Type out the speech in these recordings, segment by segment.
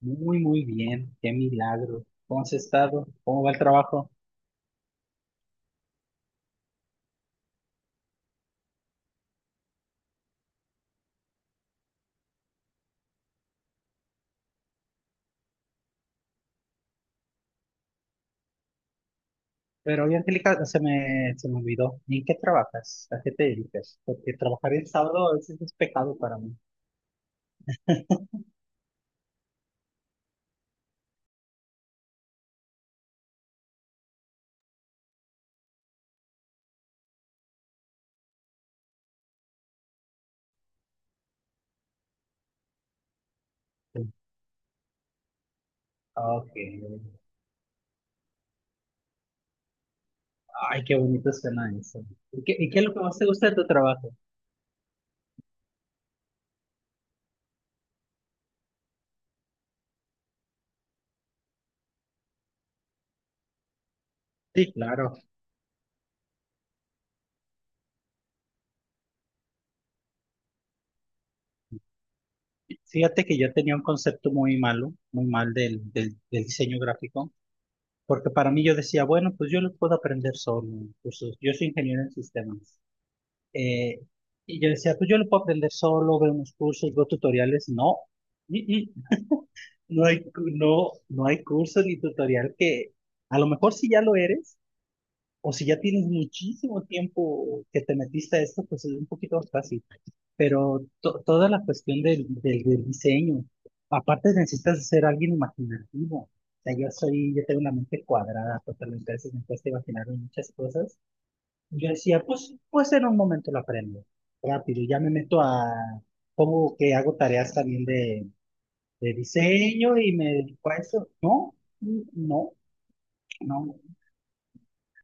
Muy, muy bien, qué milagro. ¿Cómo has estado? ¿Cómo va el trabajo? Pero oye, Angélica, se me olvidó. ¿En qué trabajas? ¿A qué te dedicas? Porque trabajar el sábado a veces es pecado para mí. Ok. Ay, qué bonito suena eso. ¿Y qué es lo que más te gusta de tu trabajo? Sí, claro. Fíjate que yo tenía un concepto muy malo, muy mal del diseño gráfico, porque para mí yo decía, bueno, pues yo lo puedo aprender solo. Pues, yo soy ingeniero en sistemas. Eh, y yo decía, pues yo lo puedo aprender solo, veo unos cursos, veo tutoriales. No. Mm, mm. No hay, no, no hay curso ni tutorial que, a lo mejor si ya lo eres, o si ya tienes muchísimo tiempo que te metiste a esto, pues es un poquito más fácil. Pero toda la cuestión del diseño, aparte necesitas ser alguien imaginativo. O sea, yo soy, yo tengo una mente cuadrada, totalmente, a veces me cuesta imaginarme muchas cosas. Yo decía, pues puede ser un momento lo aprendo rápido. Ya me meto a, pongo que hago tareas también de diseño y me dedico a eso. No, no, no,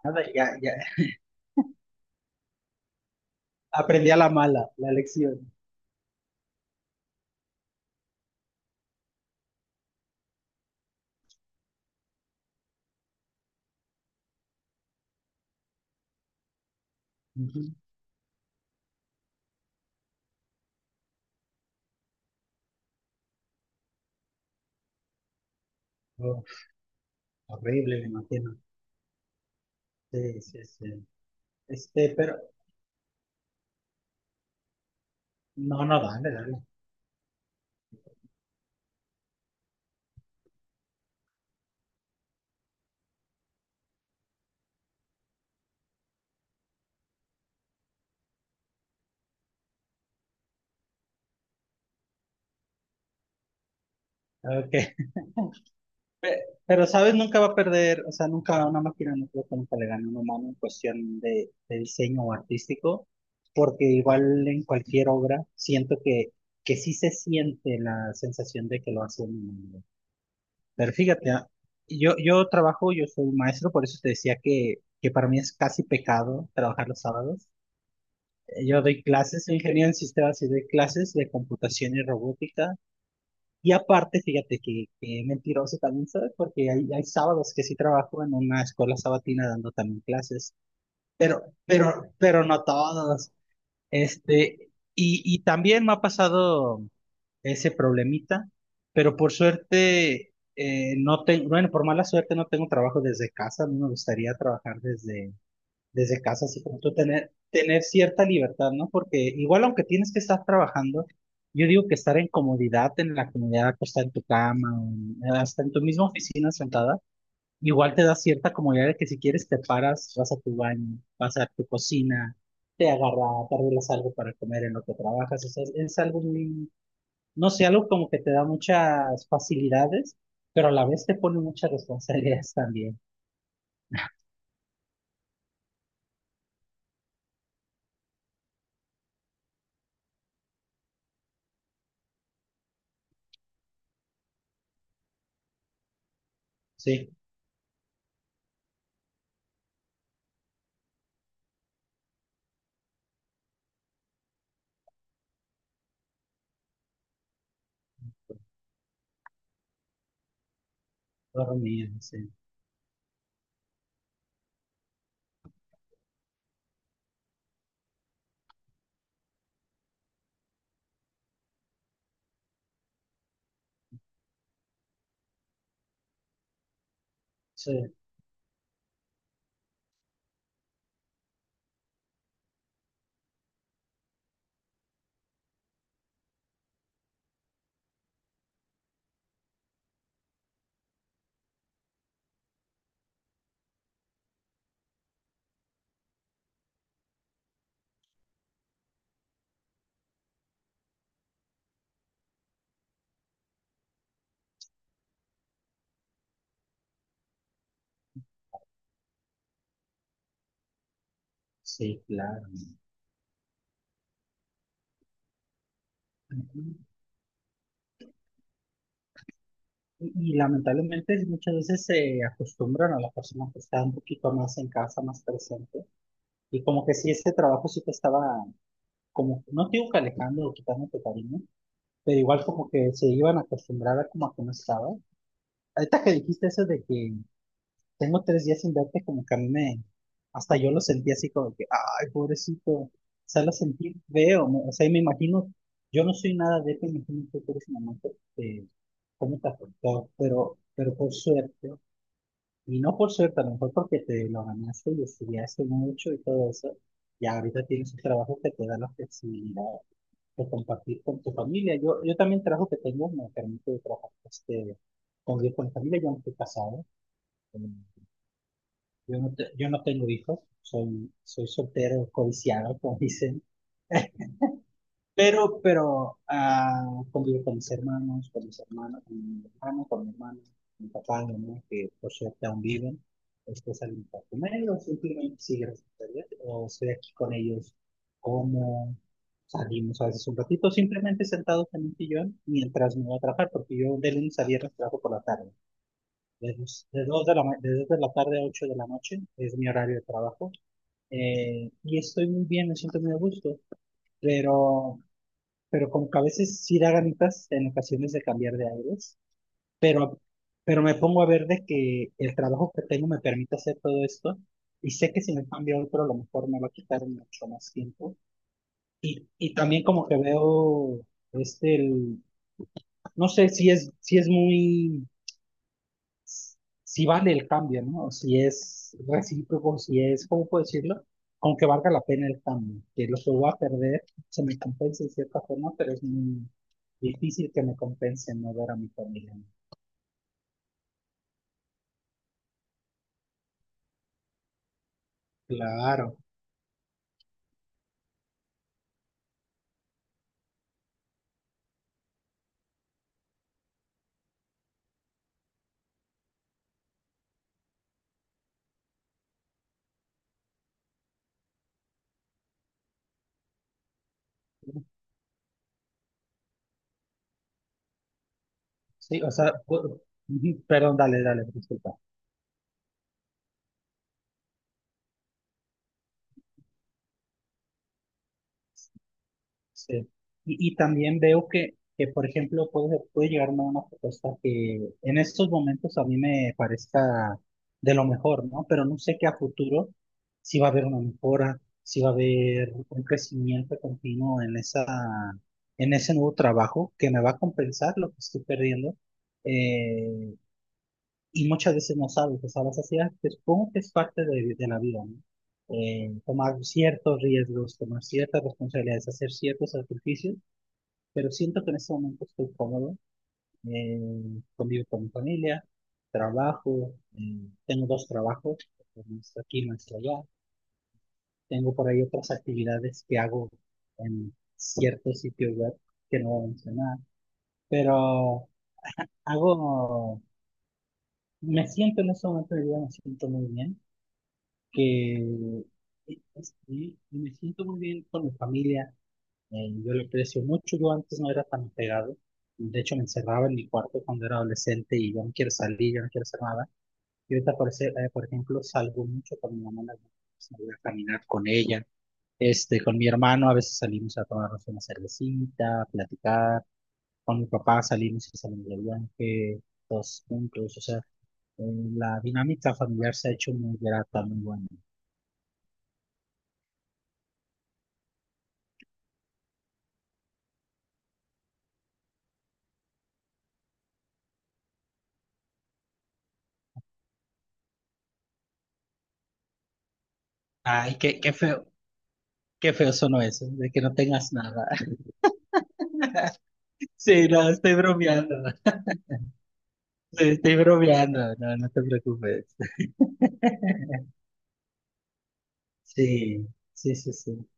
nada, ya, ya. Aprendí a la mala, la lección. Ujú. Uf, horrible, me imagino. Sí, sí, sí. Este, pero no, no, dale, dale. Ok. Pero, ¿sabes? Nunca va a perder, o sea, nunca una máquina, no creo que nunca le gane a un humano en cuestión de diseño o artístico, porque igual en cualquier obra siento que sí se siente la sensación de que lo hace un humano. Pero fíjate, yo, yo trabajo, yo soy maestro, por eso te decía que para mí es casi pecado trabajar los sábados. Yo doy clases, soy ingeniero en sistemas y doy clases de computación y robótica y aparte, fíjate que mentiroso también soy, porque hay sábados que sí trabajo en una escuela sabatina dando también clases, pero no todos. Este, y también me ha pasado ese problemita, pero por suerte, no tengo, bueno, por mala suerte no tengo trabajo desde casa, a mí me gustaría trabajar desde, desde casa, así como tú tener, tener cierta libertad, ¿no? Porque igual aunque tienes que estar trabajando, yo digo que estar en comodidad, en la comodidad acostada en tu cama, o hasta en tu misma oficina sentada, igual te da cierta comodidad de que si quieres te paras, vas a tu baño, vas a tu cocina, te agarras, te arreglas algo para comer en lo que trabajas, o sea, es algo muy, no sé, algo como que te da muchas facilidades, pero a la vez te pone muchas responsabilidades también, sí, dormir, sí. Sí, sí, claro. Ujú. Y lamentablemente muchas veces se acostumbran a la persona que está un poquito más en casa, más presente. Y como que si ese trabajo sí te estaba, como, no te digo que alejando o quitándote cariño, pero igual como que se iban a acostumbrar a como a que no estaba. Ahorita que dijiste eso de que tengo tres días sin verte, como que a mí me, hasta yo lo sentí así como que, ay, pobrecito, o sea, lo sentí feo, o sea, y me imagino, yo no soy nada de eso, me imagino que tú eres una mamá, eh, cómo te afectó, pero por suerte, y no por suerte, a lo mejor porque te lo ganaste y estudiaste mucho y todo eso, y ahorita tienes un trabajo que te da la flexibilidad de compartir con tu familia. Yo también el trabajo que tengo me permite trabajar este, convivir con mi familia, yo no estoy casado, eh, yo no, yo no tengo hijos, soy, soy soltero, codiciado, como dicen. Pero convivo con mis hermanos, con mis hermanos, con mi hermano, con mi hermana, mi papá, mi mamá, que por suerte aún viven. Después salimos a comer o simplemente sí, gracias a Dios, o estoy aquí con ellos, como salimos a veces un ratito, simplemente sentados en un sillón mientras me voy a trabajar, porque yo de lunes a viernes trabajo por la tarde. De dos, de dos de la, de dos de la tarde a 8 de la noche es mi horario de trabajo. Y estoy muy bien, me siento muy a gusto, pero, pero como que a veces sí da ganitas en ocasiones de cambiar de aires, pero, pero me pongo a ver de que el trabajo que tengo me permite hacer todo esto y sé que si me cambio a otro a lo mejor me va a quitar mucho más tiempo. Y también como que veo este, el, no sé si es, si es muy... si vale el cambio, ¿no? Si es recíproco, si es, ¿cómo puedo decirlo? Aunque valga la pena el cambio, que lo que voy a perder se me compense de cierta forma, pero es muy difícil que me compense no ver a mi familia. Claro. Sí, o sea, ujú, perdón, dale, dale, disculpa. Sí. Y también veo que, por ejemplo, puede, puede llegarme a una propuesta que en estos momentos a mí me parezca de lo mejor, ¿no? Pero no sé que a futuro si va a haber una mejora, si va a haber un crecimiento continuo en esa, en ese nuevo trabajo que me va a compensar lo que estoy perdiendo. Eh, y muchas veces no sabes, o sea, la sociedad que supongo que es parte de la vida, ¿no? Tomar ciertos riesgos, tomar ciertas responsabilidades, hacer ciertos sacrificios, pero siento que en este momento estoy cómodo, eh, convivo con mi familia, trabajo, tengo dos trabajos, uno está aquí, uno está allá, tengo por ahí otras actividades que hago en ciertos sitios web que no voy a mencionar, pero hago, me siento en este momento de vida, me siento muy bien que me siento muy bien con mi familia. Yo lo aprecio mucho. Yo antes no era tan pegado. De hecho, me encerraba en mi cuarto cuando era adolescente y yo no quiero salir, yo no quiero hacer nada. Y ahorita, por ejemplo, salgo mucho con mi mamá en las noches, me voy a caminar con ella. Este, con mi hermano a veces salimos a tomarnos una cervecita, a platicar. Con mi papá salimos y salimos de viaje, todos juntos. O sea, eh, la dinámica familiar se ha hecho muy grata, muy buena. Ay, qué, qué feo. Qué feo sonó eso, de que no tengas nada. Sí, no, estoy bromeando, ¿no? Sí, estoy bromeando, no, no te preocupes. Sí, sí, sí, sí.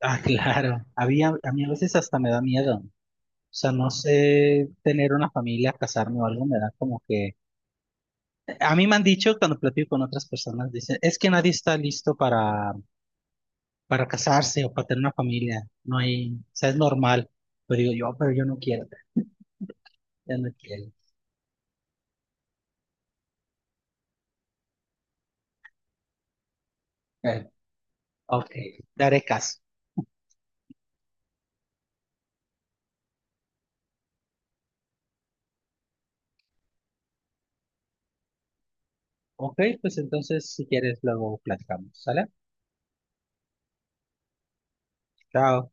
Ah, claro. Había, a mí a veces hasta me da miedo. O sea, no sé tener una familia, casarme o algo, me da como que... A mí me han dicho cuando platico con otras personas, dicen, es que nadie está listo para casarse o para tener una familia. No hay, o sea, es normal. Pero digo yo, "Ah, pero yo no quiero, yo no quiero." Bueno, ok, daré caso. Ok, pues entonces si quieres luego platicamos, ¿sale? Chao.